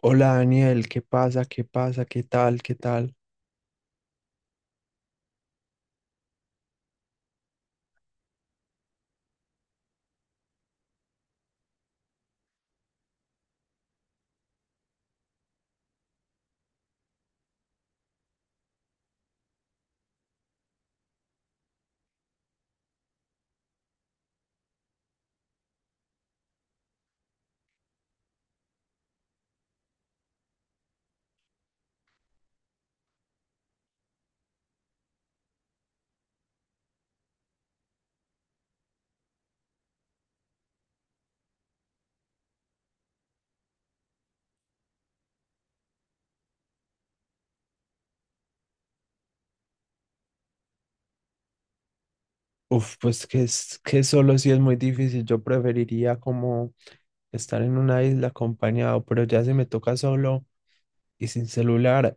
Hola Daniel, ¿qué pasa? ¿Qué pasa? ¿Qué tal? ¿Qué tal? Uf, pues que es que solo sí es muy difícil. Yo preferiría como estar en una isla acompañado, pero ya si me toca solo y sin celular,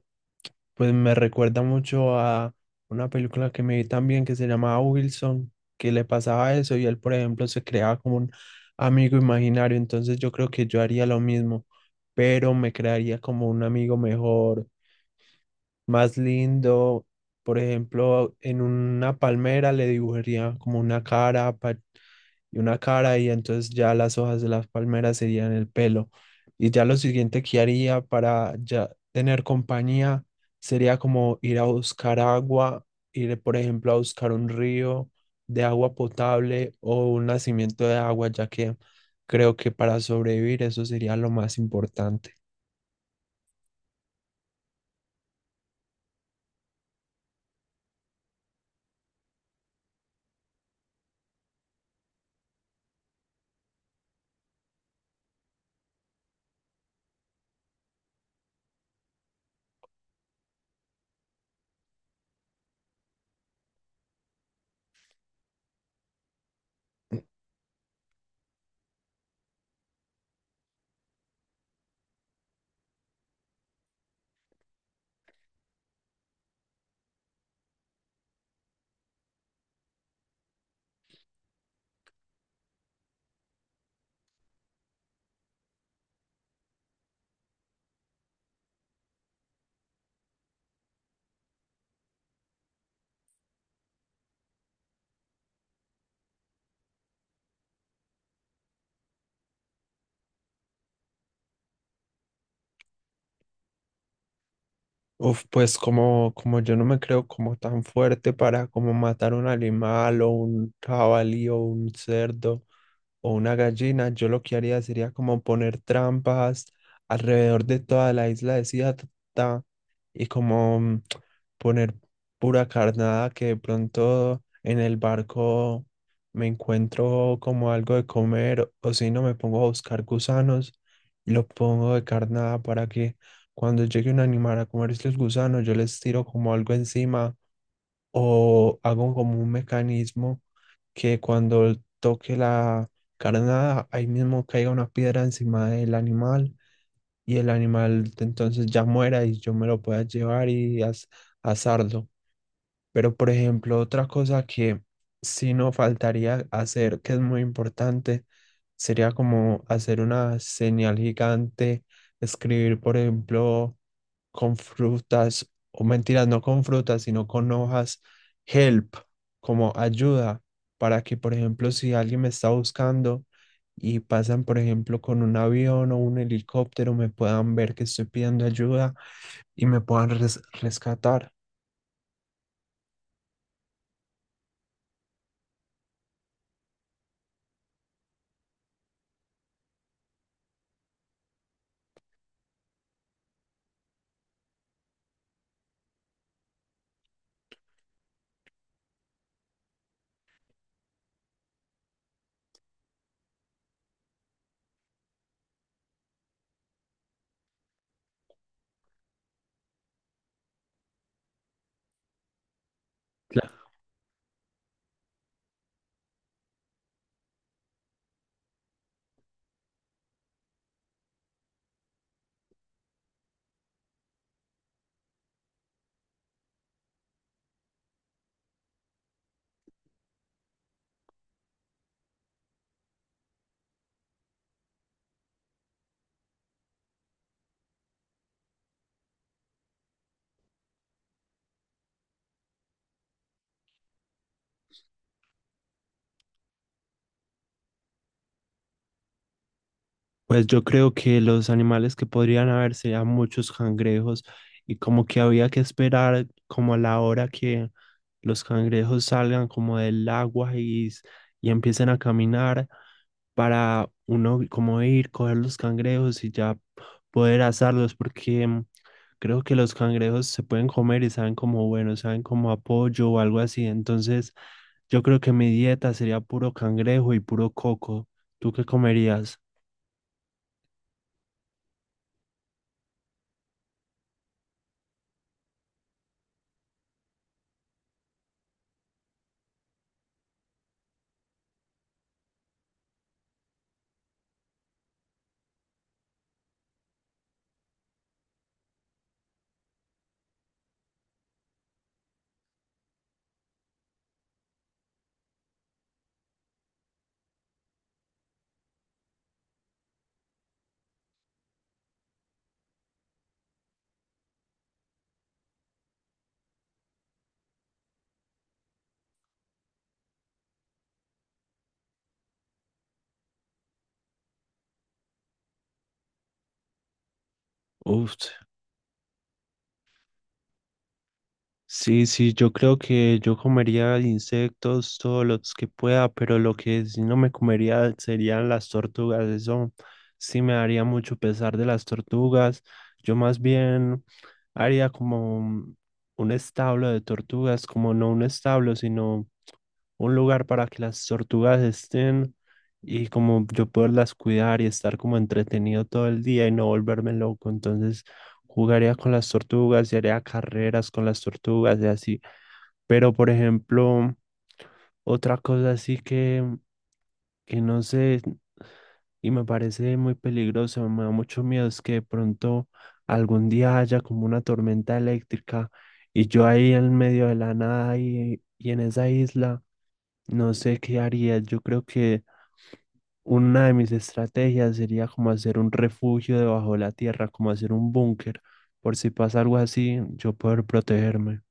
pues me recuerda mucho a una película que me vi también que se llamaba Wilson, que le pasaba eso y él, por ejemplo, se creaba como un amigo imaginario. Entonces yo creo que yo haría lo mismo, pero me crearía como un amigo mejor más lindo. Por ejemplo, en una palmera le dibujaría como una cara y una cara y entonces ya las hojas de las palmeras serían el pelo. Y ya lo siguiente que haría para ya tener compañía sería como ir a buscar agua, ir por ejemplo a buscar un río de agua potable o un nacimiento de agua, ya que creo que para sobrevivir eso sería lo más importante. Uf, pues como yo no me creo como tan fuerte para como matar un animal o un jabalí o un cerdo o una gallina, yo lo que haría sería como poner trampas alrededor de toda la isla de Cía y como poner pura carnada que de pronto en el barco me encuentro como algo de comer o si no me pongo a buscar gusanos y lo pongo de carnada para que cuando llegue un animal a comerse los gusanos yo les tiro como algo encima o hago como un mecanismo que cuando toque la carnada ahí mismo caiga una piedra encima del animal y el animal entonces ya muera y yo me lo pueda llevar y asarlo. Pero, por ejemplo, otra cosa que sí no faltaría hacer, que es muy importante, sería como hacer una señal gigante, escribir, por ejemplo, con frutas, o mentiras, no con frutas, sino con hojas, help, como ayuda, para que, por ejemplo, si alguien me está buscando y pasan, por ejemplo, con un avión o un helicóptero, me puedan ver que estoy pidiendo ayuda y me puedan rescatar. Claro. Pues yo creo que los animales que podrían haber serían muchos cangrejos y como que había que esperar como a la hora que los cangrejos salgan como del agua y y empiecen a caminar para uno como ir, coger los cangrejos y ya poder asarlos, porque creo que los cangrejos se pueden comer y saben como bueno, saben como apoyo o algo así. Entonces, yo creo que mi dieta sería puro cangrejo y puro coco. ¿Tú qué comerías? Uf, sí, sí, yo creo que yo comería insectos todos los que pueda, pero lo que sí no me comería serían las tortugas. Eso sí me daría mucho pesar de las tortugas. Yo más bien haría como un establo de tortugas, como no un establo, sino un lugar para que las tortugas estén y como yo poderlas cuidar y estar como entretenido todo el día y no volverme loco. Entonces jugaría con las tortugas y haría carreras con las tortugas y así. Pero por ejemplo, otra cosa así que no sé y me parece muy peligroso, me da mucho miedo es que de pronto algún día haya como una tormenta eléctrica y yo ahí en medio de la nada y en esa isla. No sé qué haría. Yo creo que una de mis estrategias sería como hacer un refugio debajo de la tierra, como hacer un búnker, por si pasa algo así, yo poder protegerme.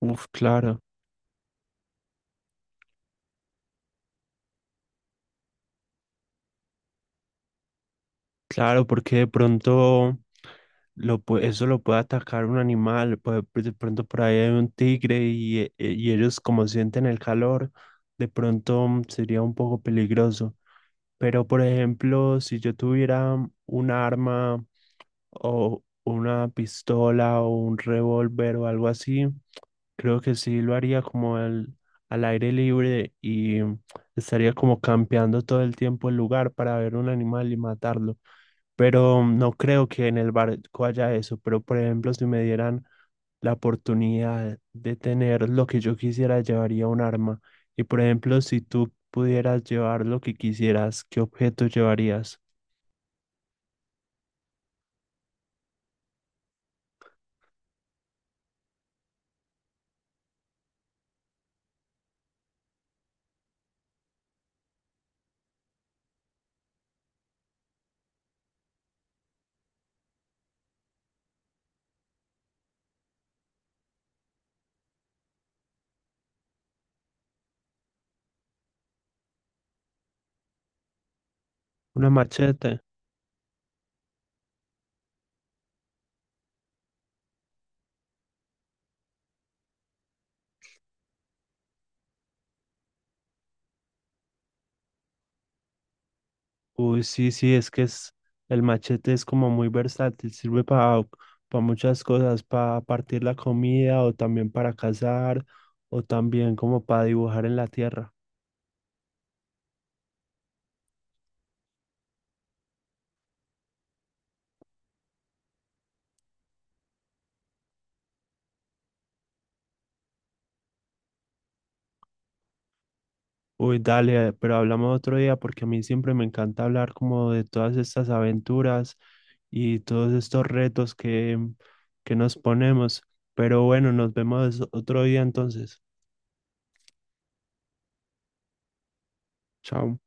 Uf, claro, claro, porque de pronto eso lo puede atacar un animal, pues, de pronto por ahí hay un tigre y y ellos como sienten el calor, de pronto sería un poco peligroso. Pero por ejemplo, si yo tuviera un arma o una pistola o un revólver o algo así, creo que sí lo haría como al aire libre y estaría como campeando todo el tiempo el lugar para ver un animal y matarlo. Pero no creo que en el barco haya eso. Pero por ejemplo, si me dieran la oportunidad de tener lo que yo quisiera, llevaría un arma. Y por ejemplo, si tú pudieras llevar lo que quisieras, ¿qué objeto llevarías? Una machete. Uy, sí, sí, el machete es como muy versátil, sirve para muchas cosas, para partir la comida o también para cazar o también como para dibujar en la tierra. Uy, dale, pero hablamos otro día porque a mí siempre me encanta hablar como de todas estas aventuras y todos estos retos que nos ponemos. Pero bueno, nos vemos otro día entonces. Chao.